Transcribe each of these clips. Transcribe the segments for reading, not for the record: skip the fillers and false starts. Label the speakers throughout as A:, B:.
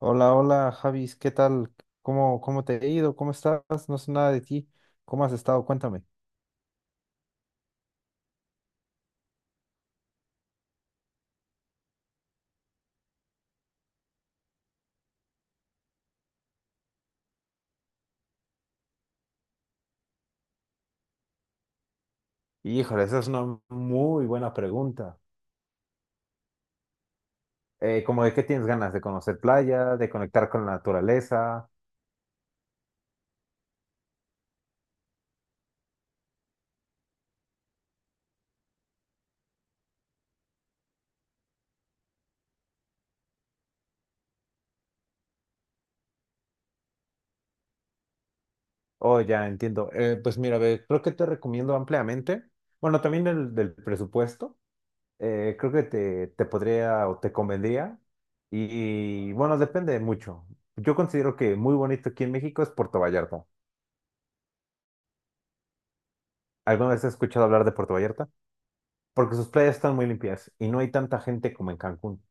A: Hola, hola, Javis, ¿qué tal? ¿Cómo te he ido? ¿Cómo estás? No sé nada de ti. ¿Cómo has estado? Cuéntame. Híjole, esa es una muy buena pregunta. ¿Como de qué tienes ganas? De ¿conocer playa, de conectar con la naturaleza? Oh, ya entiendo. Pues mira, ve, creo que te recomiendo ampliamente. Bueno, también el del presupuesto. Creo que te podría o te convendría. Y, bueno, depende mucho. Yo considero que muy bonito aquí en México es Puerto Vallarta. ¿Alguna vez has escuchado hablar de Puerto Vallarta? Porque sus playas están muy limpias y no hay tanta gente como en Cancún.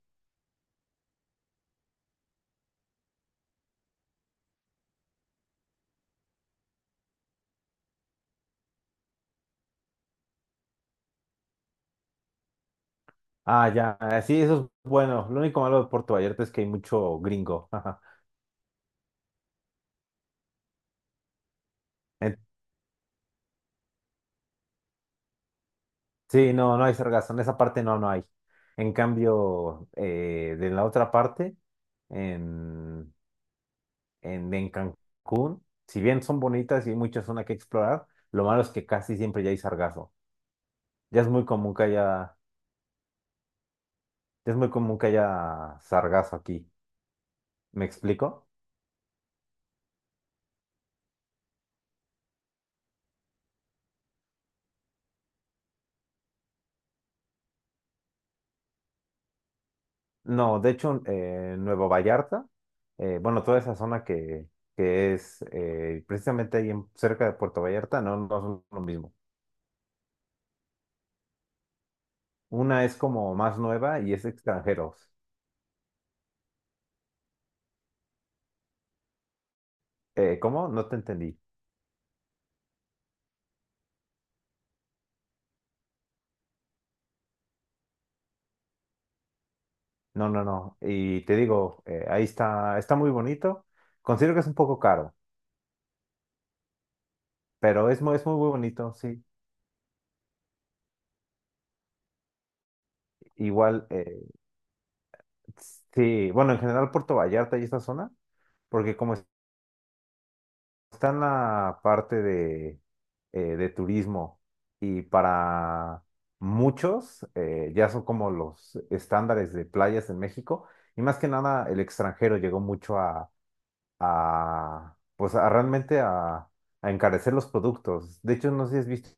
A: Ah, ya, ah, sí, eso es bueno. Lo único malo de Puerto Vallarta es que hay mucho gringo. Ajá. En- Sí, no, no hay sargazo. En esa parte no, no hay. En cambio, de la otra parte, en, en Cancún, si bien son bonitas y hay mucha zona que explorar, lo malo es que casi siempre ya hay sargazo. Ya es muy común que haya, ya es muy común que haya sargazo aquí. ¿Me explico? No, de hecho, Nueva Vallarta, bueno, toda esa zona que es precisamente ahí cerca de Puerto Vallarta, no, no son lo mismo. Una es como más nueva y es extranjeros. ¿Cómo? No te entendí. No, no, no. Y te digo, ahí está, está muy bonito. Considero que es un poco caro, pero es muy, muy bonito, sí. Igual, sí, bueno, en general Puerto Vallarta y esta zona, porque como está en la parte de turismo y para muchos ya son como los estándares de playas en México, y más que nada el extranjero llegó mucho a, pues a realmente a encarecer los productos. De hecho, no sé si has visto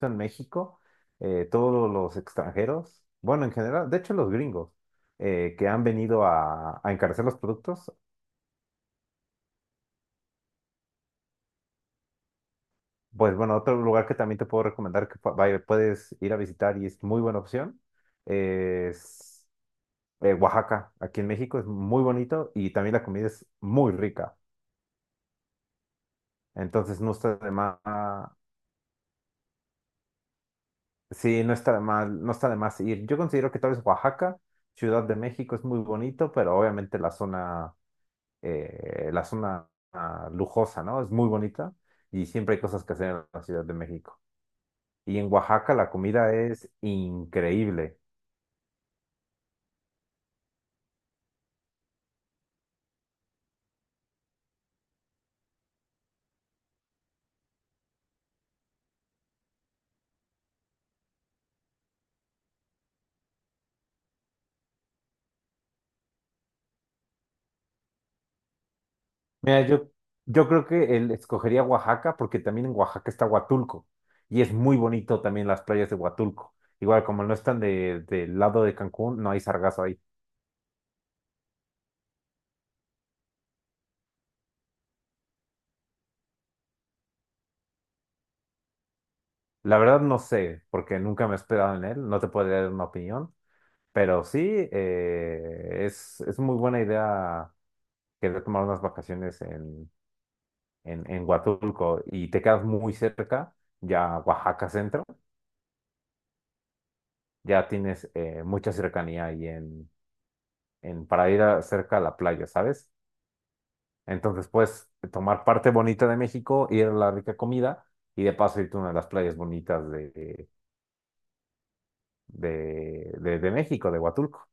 A: en México, todos los extranjeros, bueno, en general, de hecho los gringos que han venido a encarecer los productos. Pues bueno, otro lugar que también te puedo recomendar que puedes ir a visitar y es muy buena opción es Oaxaca. Aquí en México, es muy bonito y también la comida es muy rica. Entonces no está de más, sí, no está de más ir. Yo considero que tal vez Oaxaca, Ciudad de México, es muy bonito, pero obviamente la zona lujosa, ¿no? Es muy bonita y siempre hay cosas que hacer en la Ciudad de México. Y en Oaxaca la comida es increíble. Mira, yo creo que él escogería Oaxaca porque también en Oaxaca está Huatulco y es muy bonito también las playas de Huatulco. Igual como no están del lado de Cancún, no hay sargazo ahí. La verdad no sé, porque nunca me he hospedado en él, no te podría dar una opinión, pero sí, es muy buena idea querer tomar unas vacaciones en, en Huatulco y te quedas muy cerca. Ya Oaxaca Centro, ya tienes mucha cercanía ahí, para ir cerca a la playa, ¿sabes? Entonces puedes tomar parte bonita de México, ir a la rica comida y de paso irte a una de las playas bonitas de México, de Huatulco.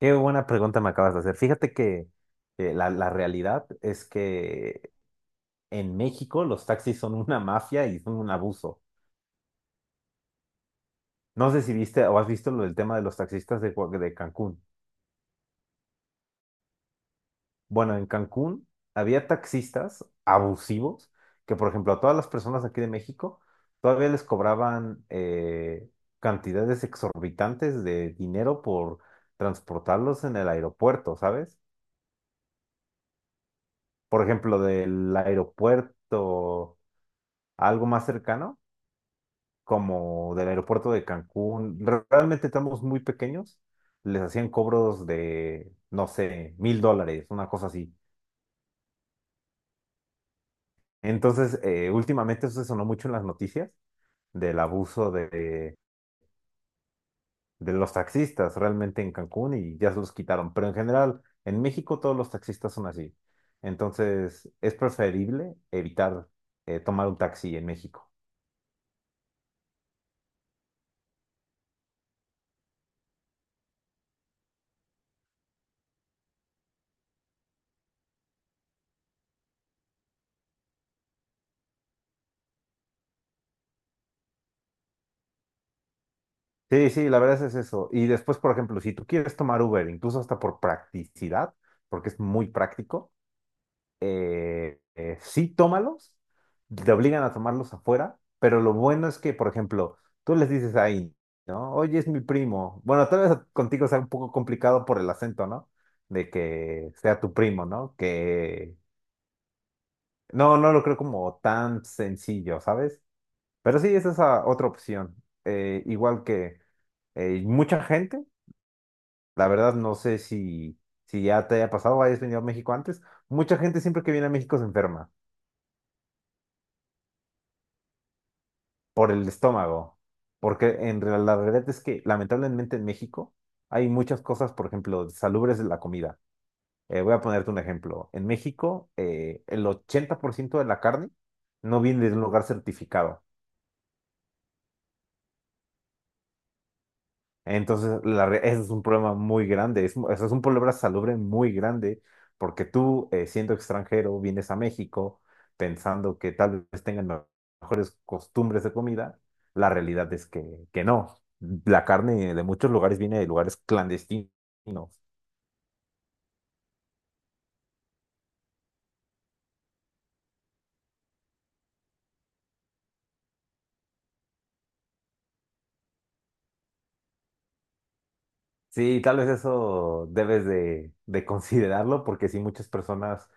A: Qué buena pregunta me acabas de hacer. Fíjate que la realidad es que en México los taxis son una mafia y son un abuso. No sé si viste o has visto lo del tema de los taxistas de Cancún. Bueno, en Cancún había taxistas abusivos que, por ejemplo, a todas las personas aquí de México todavía les cobraban cantidades exorbitantes de dinero por transportarlos en el aeropuerto, ¿sabes? Por ejemplo, del aeropuerto a algo más cercano, como del aeropuerto de Cancún, realmente estamos muy pequeños, les hacían cobros de, no sé, $1,000, una cosa así. Entonces, últimamente eso se sonó mucho en las noticias del abuso de los taxistas realmente en Cancún, y ya se los quitaron. Pero en general, en México todos los taxistas son así. Entonces, es preferible evitar tomar un taxi en México. Sí, sí, la verdad es eso. Y después, por ejemplo, si tú quieres tomar Uber, incluso hasta por practicidad, porque es muy práctico, sí, tómalos. Te obligan a tomarlos afuera, pero lo bueno es que, por ejemplo, tú les dices ahí, ¿no? Oye, es mi primo. Bueno, tal vez contigo sea un poco complicado por el acento, ¿no? De que sea tu primo, ¿no? Que no, no lo creo como tan sencillo, ¿sabes? Pero sí, esa es otra opción. Igual que mucha gente, la verdad no sé si ya te haya pasado, hayas venido a México antes, mucha gente siempre que viene a México se enferma. Por el estómago, porque la realidad es que lamentablemente en México hay muchas cosas, por ejemplo, salubres de la comida. Voy a ponerte un ejemplo. En México, el 80% de la carne no viene de un lugar certificado. Entonces, ese es un problema muy grande, o sea, es un problema salubre muy grande, porque tú, siendo extranjero, vienes a México pensando que tal vez tengan mejores costumbres de comida. La realidad es que no. La carne de muchos lugares viene de lugares clandestinos. Sí, tal vez eso debes de considerarlo, porque sí, muchas personas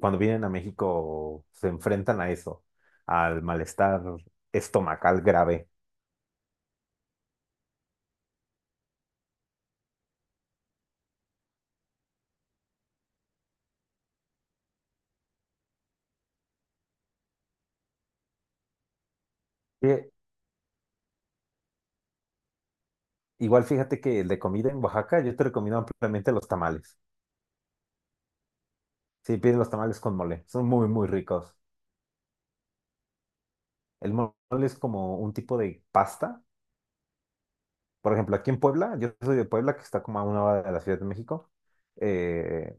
A: cuando vienen a México se enfrentan a eso, al malestar estomacal grave. Sí, igual fíjate que el de comida en Oaxaca yo te recomiendo ampliamente los tamales. Sí, piden los tamales con mole, son muy, muy ricos. El mole es como un tipo de pasta. Por ejemplo, aquí en Puebla, yo soy de Puebla, que está como a 1 hora de la Ciudad de México. eh,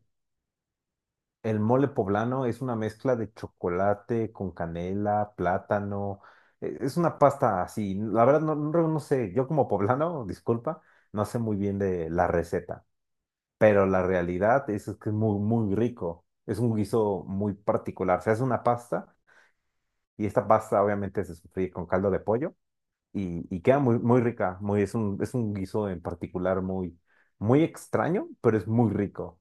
A: el mole poblano es una mezcla de chocolate con canela, plátano. Es una pasta así. La verdad, no, no, no sé, yo como poblano, disculpa, no sé muy bien de la receta. Pero la realidad es que es muy, muy rico. Es un guiso muy particular. Se hace una pasta y esta pasta obviamente se sofríe con caldo de pollo, y queda muy, muy rica. Es un, guiso en particular muy, muy extraño, pero es muy rico.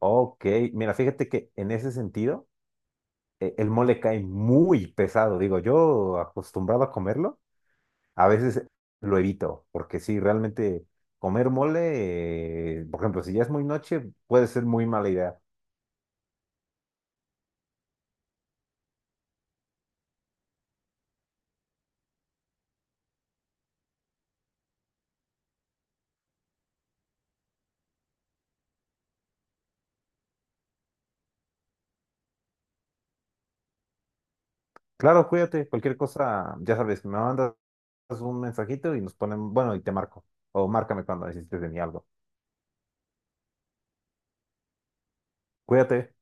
A: Ok, mira, fíjate que en ese sentido el mole cae muy pesado. Digo, yo acostumbrado a comerlo, a veces lo evito, porque sí, realmente comer mole, por ejemplo, si ya es muy noche, puede ser muy mala idea. Claro, cuídate. Cualquier cosa, ya sabes, me mandas un mensajito y nos ponen, bueno, y te marco. O márcame cuando necesites de mí algo. Cuídate.